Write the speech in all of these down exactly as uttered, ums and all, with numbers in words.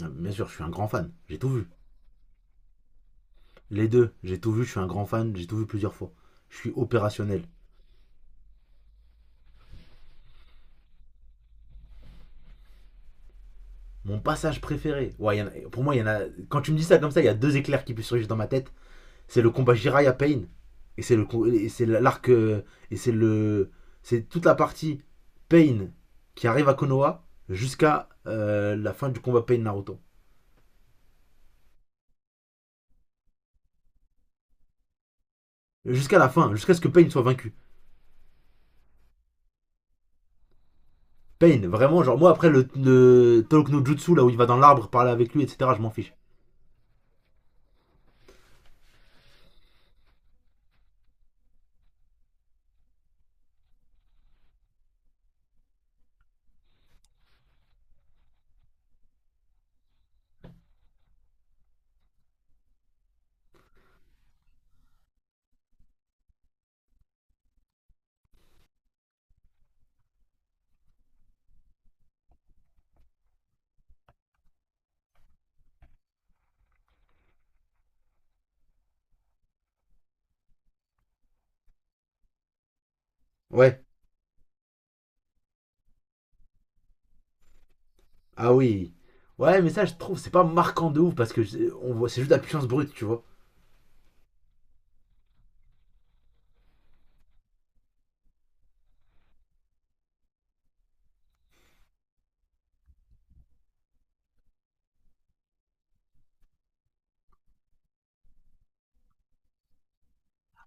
Bien sûr, je suis un grand fan. J'ai tout vu. Les deux, j'ai tout vu. Je suis un grand fan. J'ai tout vu plusieurs fois. Je suis opérationnel. Mon passage préféré. Ouais, y en a- pour moi, il y en a. Quand tu me dis ça comme ça, il y a deux éclairs qui puissent surgir dans ma tête. C'est le combat Jiraiya Pain. Et c'est le et c'est l'arc, euh, et c'est le c'est toute la partie Pain qui arrive à Konoha jusqu'à euh, la fin du combat Pain Naruto. Jusqu'à la fin, jusqu'à ce que Pain soit vaincu. Pain, vraiment, genre moi après le, le Talk no Jutsu là où il va dans l'arbre parler avec lui, et cétéra. Je m'en fiche. Ouais, ah oui. Ouais, mais ça, je trouve, c'est pas marquant de ouf parce que je- on voit, c'est juste la puissance brute, tu vois.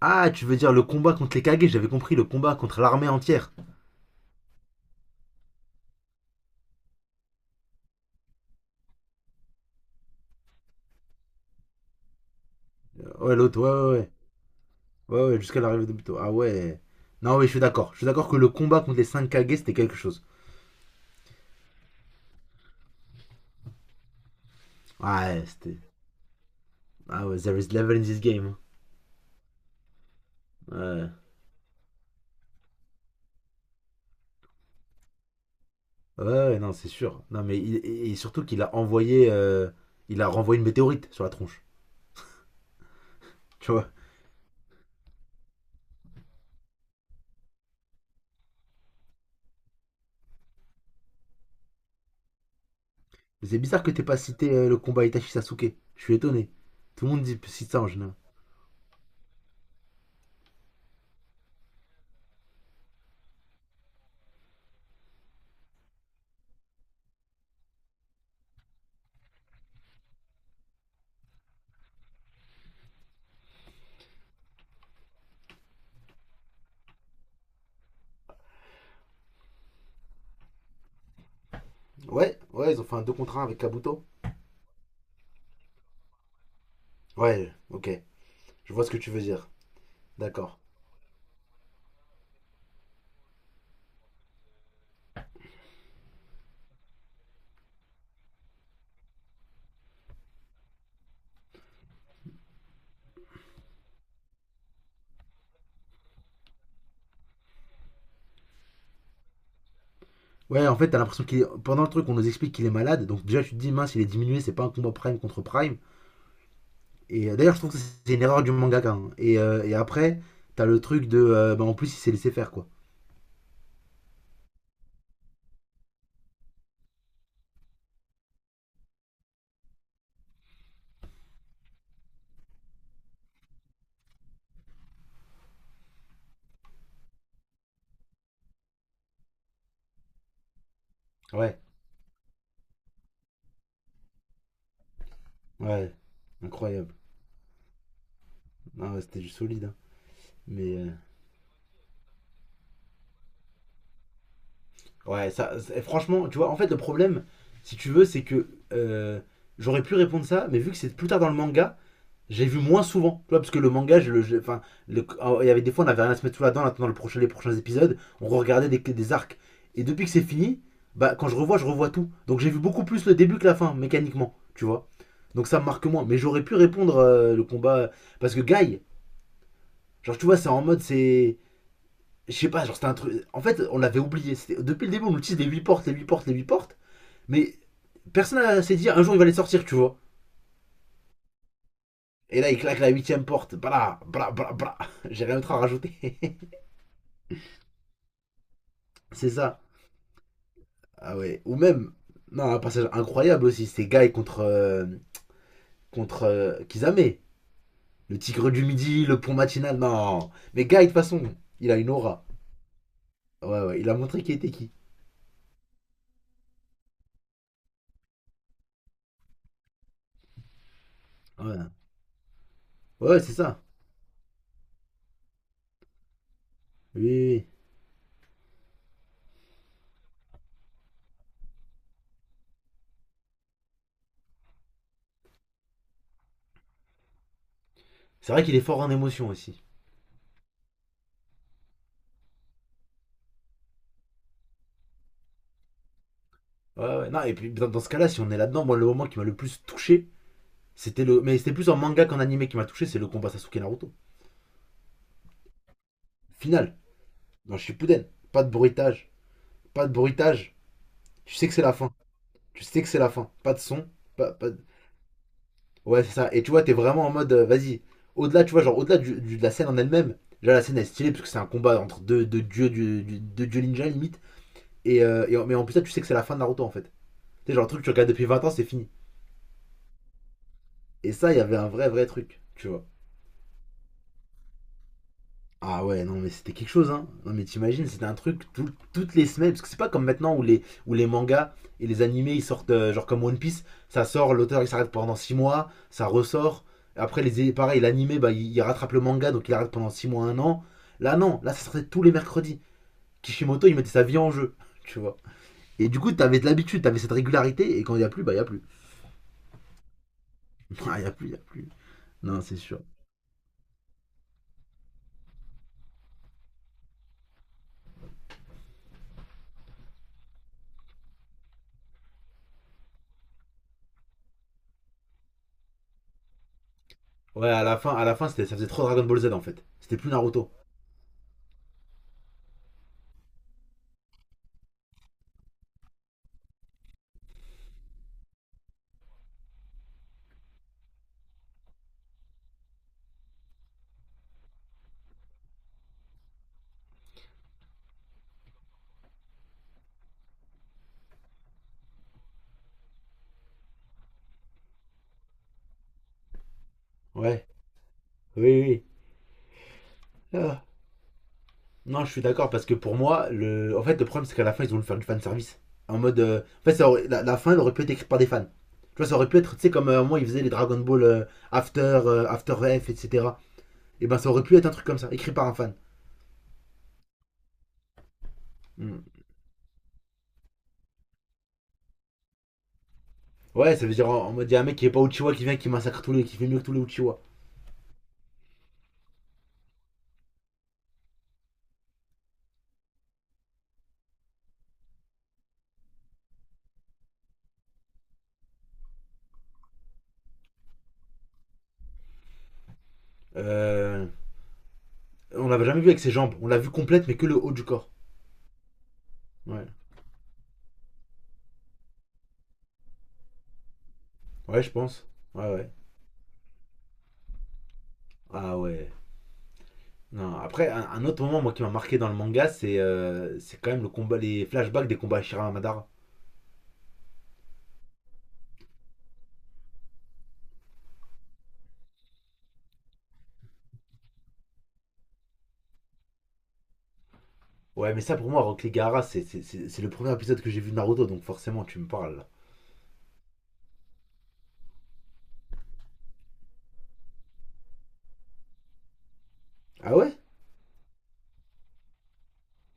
Ah, tu veux dire le combat contre les Kage, j'avais compris, le combat contre l'armée entière. Euh, Ouais, l'autre, ouais, ouais, ouais. Ouais, ouais, jusqu'à l'arrivée de Buto. Ah ouais. Non, oui, je suis d'accord. Je suis d'accord que le combat contre les cinq Kage, c'était quelque chose. Ouais, c'était. Ah ouais, there is level in this game, hein. Ouais. Ouais, ouais, non, c'est sûr. Non, mais il- et et surtout qu'il a envoyé, euh, il a renvoyé une météorite sur la tronche. Tu vois. C'est bizarre que t'aies pas cité euh, le combat Itachi Sasuke. Je suis étonné. Tout le monde dit, cite ça en général. Ouais, ouais, ils ont fait un deux contre un avec Kabuto. Ouais, ok. Je vois ce que tu veux dire. D'accord. Ouais, en fait, t'as l'impression qu'il est... Pendant le truc, on nous explique qu'il est malade. Donc déjà, tu te dis, mince, il est diminué, c'est pas un combat prime contre prime. Et euh, d'ailleurs, je trouve que c'est une erreur du mangaka, hein. Et, euh, et après, t'as le truc de, euh, bah, en plus, il s'est laissé faire, quoi. Ouais, ouais. Incroyable. Ah ouais, c'était du solide, hein. Mais, euh, ouais, ça, c'est- franchement, tu vois, en fait, le problème, si tu veux, c'est que, euh, j'aurais pu répondre ça, mais vu que c'est plus tard dans le manga, j'ai vu moins souvent, tu vois, parce que le manga, je le, je- enfin, le- ah, il y avait des fois, on avait rien à se mettre sous la dent en attendant le prochain, les prochains épisodes, on regardait des, des arcs. Et depuis que c'est fini, bah, quand je revois, je revois tout. Donc j'ai vu beaucoup plus le début que la fin, mécaniquement, tu vois. Donc ça me marque moins. Mais j'aurais pu répondre euh, le combat, parce que Guy, genre, tu vois, c'est en mode, c'est, je sais pas, genre, c'était un truc. En fait, on l'avait oublié. Depuis le début, on utilise les huit portes, les huit portes, les huit portes, mais personne n'a- s'est dit un jour il va les sortir, tu vois. Et là, il claque la huitième porte. Bla, bla, bla, bla. J'ai rien d'autre à rajouter. C'est ça. Ah ouais. Ou même, non, un passage incroyable aussi, c'était Guy contre, euh, contre euh, Kizame. Le tigre du midi, le pont matinal, non. Mais Guy, de toute façon, il a une aura. Ouais, ouais, il a montré qui était qui. Ouais, ouais, ouais, c'est ça. Oui, oui, oui. C'est vrai qu'il est fort en émotion aussi. Ouais, ouais. Non, et puis dans, dans ce cas-là, si on est là-dedans, moi, le moment qui m'a le plus touché, c'était le. Mais c'était plus en manga qu'en animé qui m'a touché, c'est le combat Sasuke Naruto. Final, dans Shippuden. Pas de bruitage. Pas de bruitage. Tu sais que c'est la fin. Tu sais que c'est la fin. Pas de son. Pas, pas de- Ouais, c'est ça. Et tu vois, t'es vraiment en mode, euh, vas-y, au-delà, tu vois, genre, au-delà du- du- de la scène en elle-même, déjà la scène est stylée parce que c'est un combat entre deux, deux dieux, du, du- deux dieux ninja limite. Et, euh, et en- mais en plus, ça, tu sais que c'est la fin de Naruto en fait. Tu sais, genre, le truc que tu regardes depuis vingt ans, c'est fini. Et ça, il y avait un vrai, vrai truc, tu vois. Ah ouais, non, mais c'était quelque chose, hein. Non, mais t'imagines, c'était un truc tout- toutes les semaines. Parce que c'est pas comme maintenant où les, où les mangas et les animés ils sortent, euh, genre comme One Piece, ça sort, l'auteur il s'arrête pendant six mois, ça ressort. Après, les, pareil, l'animé, bah, il, il rattrape le manga, donc il arrête pendant six mois, un an. Là, non, là, ça sortait tous les mercredis. Kishimoto, il mettait sa vie en jeu, tu vois. Et du coup, t'avais de l'habitude, t'avais cette régularité, et quand il y a plus, bah, il y a plus. Ah, il y a plus, il y a plus. Non, c'est sûr. Ouais, à la fin, à la fin c'était- ça faisait trop Dragon Ball Z en fait. C'était plus Naruto. Ouais, oui, oui, oui. Ah. Non, je suis d'accord parce que pour moi, le... en fait, le problème c'est qu'à la fin ils ont voulu faire du fan service. En mode, euh, en fait, ça aurait- la, la fin elle aurait pu être écrite par des fans. Tu vois, ça aurait pu être, tu sais, comme euh, moi ils faisaient les Dragon Ball euh, After, euh, After F, et cétéra. Et ben, ça aurait pu être un truc comme ça, écrit par un fan. Hmm. Ouais, ça veut dire en, en mode, il y a un mec qui est pas Uchiwa qui vient qui massacre tous les, qui fait mieux que tous les Uchiwa. Euh, on l'avait jamais vu avec ses jambes. On l'a vu complète mais que le haut du corps. Ouais, ouais, je pense. Ouais, ouais. Ah ouais. Non, après, un, un autre moment moi qui m'a marqué dans le manga, c'est euh, c'est quand même le combat, les flashbacks des combats Shira Madara. Ouais, mais ça pour moi, Rock Lee Gaara, c'est c'est- c'est- c'est le premier épisode que j'ai vu de Naruto, donc forcément tu me parles là. Ah ouais?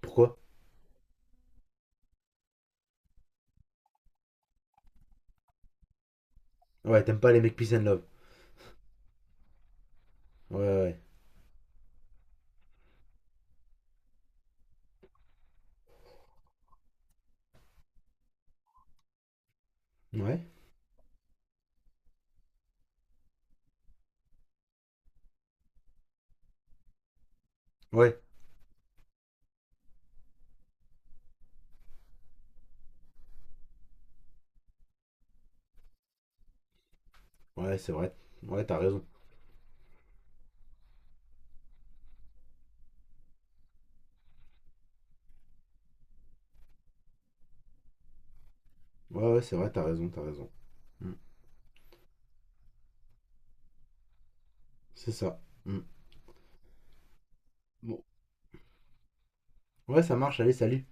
Pourquoi? Ouais, t'aimes pas les mecs Peace and Love. Ouais, ouais. Ouais? Ouais, ouais, ouais, c'est vrai. Ouais, t'as raison. Ouais, ouais, c'est vrai, t'as raison, t'as raison. Mm. C'est ça. Mm. Bon. Ouais, ça marche, allez, salut.